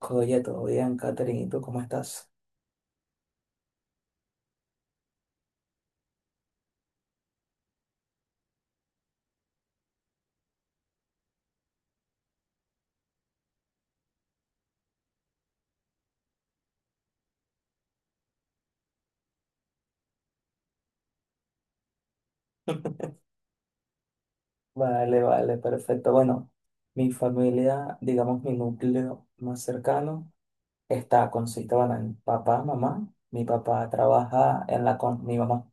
Oye, todo bien, Catherine, ¿y tú cómo estás? Vale, vale, perfecto. Bueno, mi familia, digamos mi núcleo más cercano, está consiste, bueno, en papá, mamá. Mi papá trabaja en la, mi mamá,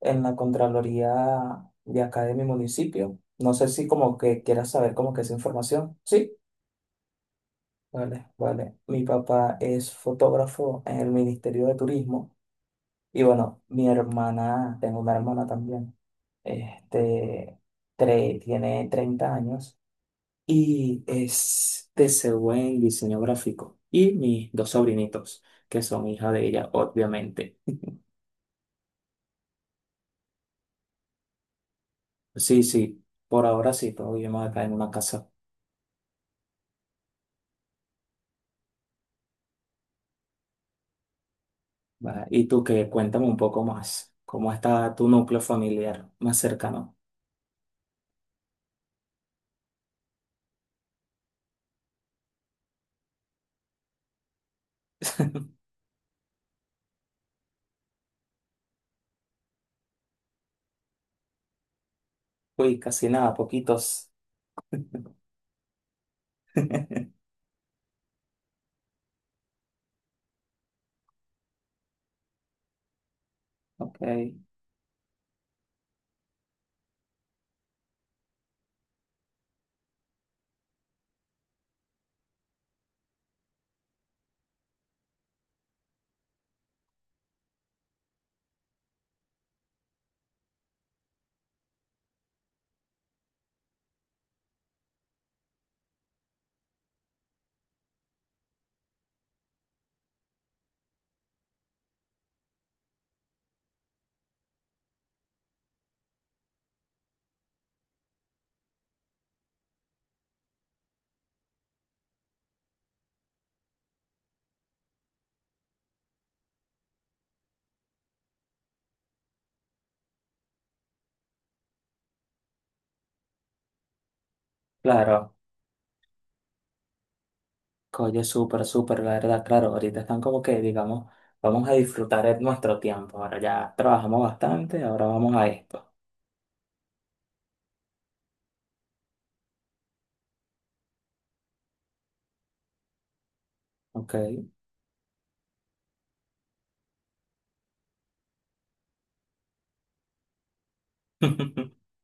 en la Contraloría de acá de mi municipio. No sé si como que quieras saber como que esa información. Sí, vale, vale. Mi papá es fotógrafo en el Ministerio de Turismo y bueno, mi hermana, tengo una hermana también. Este, tiene 30 años y es TCU en diseño gráfico. Y mis dos sobrinitos, que son hija de ella, obviamente. Sí, sí, por ahora sí, todos vivimos acá en una casa. ¿Verdad? Y tú que cuéntame un poco más, ¿cómo está tu núcleo familiar más cercano? Uy, casi nada, poquitos. Ok, claro. Oye, súper, súper, la verdad, claro, ahorita están como que, digamos, vamos a disfrutar de nuestro tiempo. Ahora ya trabajamos bastante, ahora vamos a esto, ¿ok?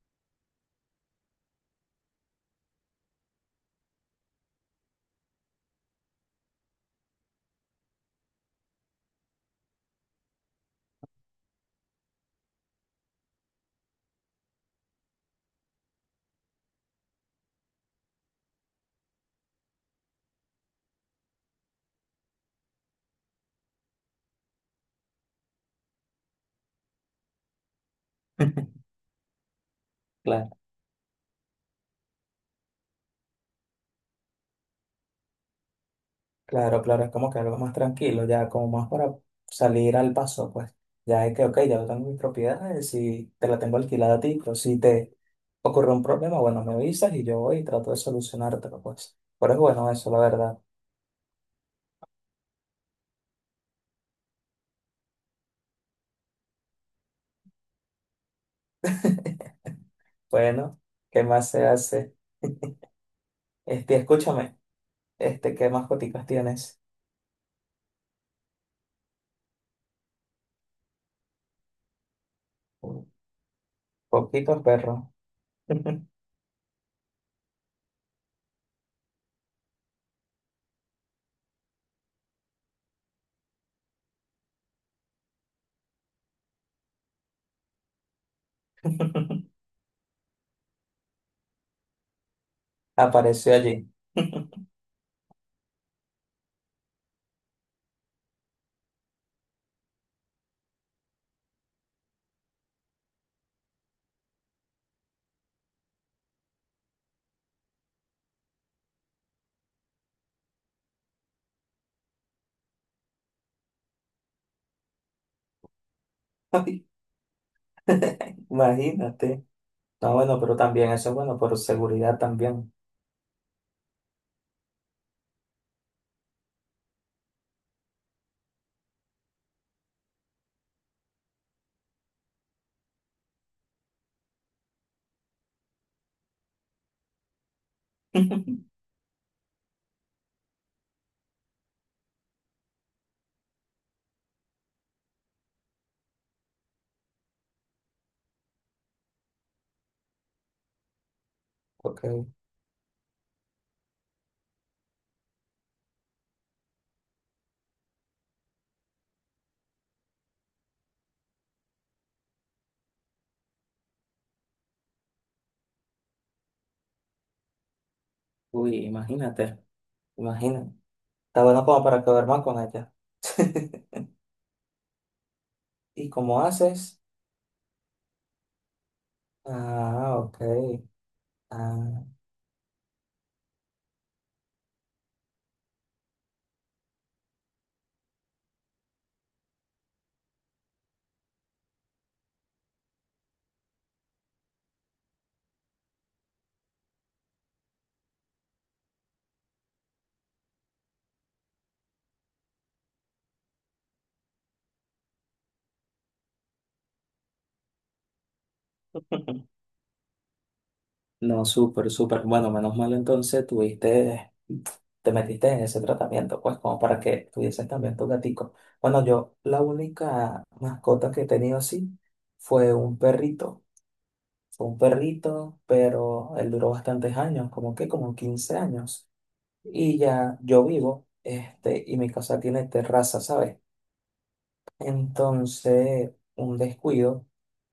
Claro, claro, claro, es como que algo más tranquilo, ya como más para salir al paso, pues. Ya es que, ok, ya yo tengo mis propiedades y te la tengo alquilada a ti, pero si te ocurre un problema, bueno, me avisas y yo voy y trato de solucionártelo, pues. Pero es bueno eso, la verdad. Bueno, ¿qué más se hace? Este, escúchame, este, ¿qué mascoticas tienes? Poquitos perros. Apareció allí. Ay, imagínate. No, bueno, pero también eso es bueno, por seguridad también. Porque, uy, imagínate, imagínate. Está bueno como para que duerman con ella. ¿Y cómo haces? Ah, ok. Ah. No, súper, súper. Bueno, menos mal entonces tuviste, te metiste en ese tratamiento, pues, como para que tuvieses también tu gatico. Bueno, yo la única mascota que he tenido así fue un perrito. Fue un perrito, pero él duró bastantes años, como que como 15 años. Y ya yo vivo, este, y mi casa tiene terraza, ¿sabes? Entonces, un descuido,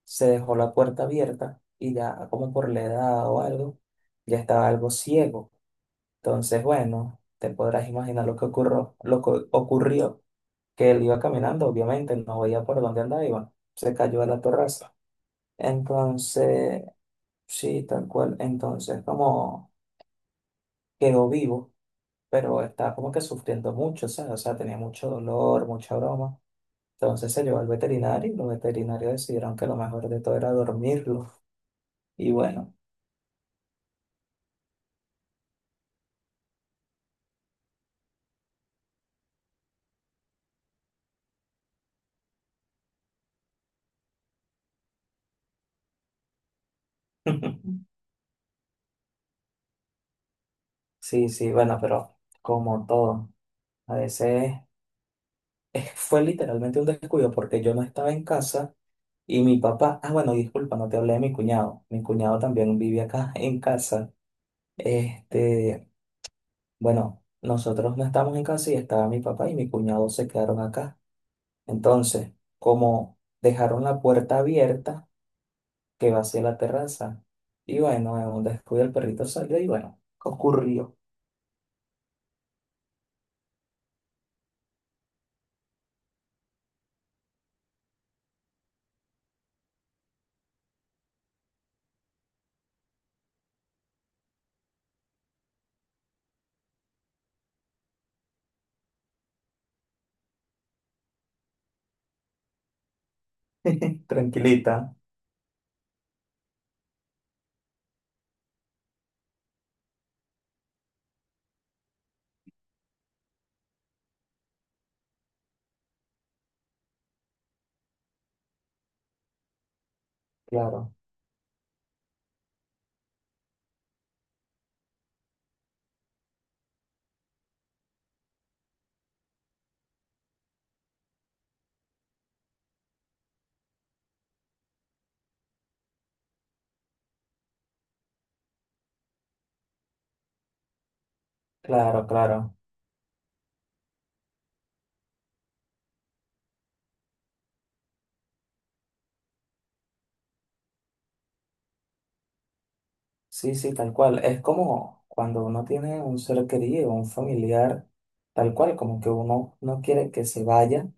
se dejó la puerta abierta y ya como por la edad o algo, ya estaba algo ciego. Entonces, bueno, te podrás imaginar lo que ocurrió, que él iba caminando, obviamente, no veía por dónde andaba, iba, se cayó a la terraza. Entonces, sí, tal cual, entonces como quedó vivo, pero estaba como que sufriendo mucho, ¿sabes? O sea, tenía mucho dolor, mucha broma. Entonces se llevó al veterinario y los veterinarios decidieron que lo mejor de todo era dormirlo. Y bueno, sí, sí, bueno, pero como todo, a veces fue literalmente un descuido porque yo no estaba en casa y mi papá, ah, bueno, disculpa, no te hablé de mi cuñado. Mi cuñado también vive acá en casa. Este, bueno, nosotros no estamos en casa y estaba mi papá y mi cuñado se quedaron acá. Entonces, como dejaron la puerta abierta, que vacié la terraza. Y bueno, en un descuido el perrito salió y bueno, ocurrió. Tranquilita. Claro, claro, claro. Sí, sí, tal cual. Es como cuando uno tiene un ser querido, un familiar, tal cual, como que uno no quiere que se vaya,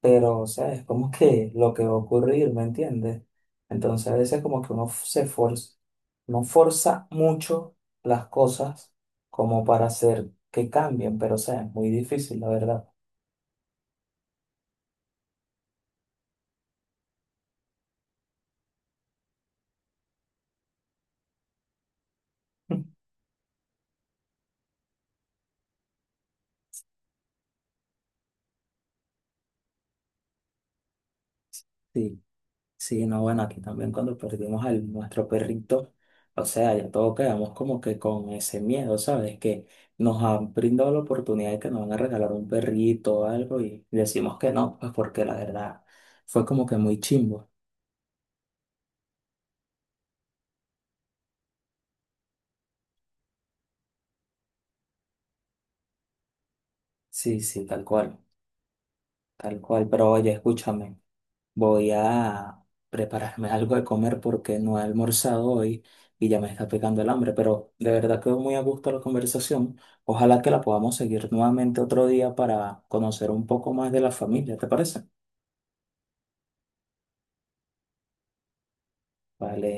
pero o sea, es como que lo que va a ocurrir, ¿me entiendes? Entonces a veces como que se forza, no forza mucho las cosas como para hacer que cambien, pero o sea, es muy difícil, la verdad. Sí. Sí, no, bueno, aquí también cuando perdimos a nuestro perrito, o sea, ya todos quedamos como que con ese miedo, ¿sabes? Que nos han brindado la oportunidad de que nos van a regalar un perrito o algo y decimos que no, pues porque la verdad fue como que muy chimbo. Sí, sí, tal cual, tal cual. Pero oye, escúchame. Voy a prepararme algo de comer porque no he almorzado hoy y ya me está pegando el hambre, pero de verdad quedó muy a gusto la conversación. Ojalá que la podamos seguir nuevamente otro día para conocer un poco más de la familia, ¿te parece? Vale.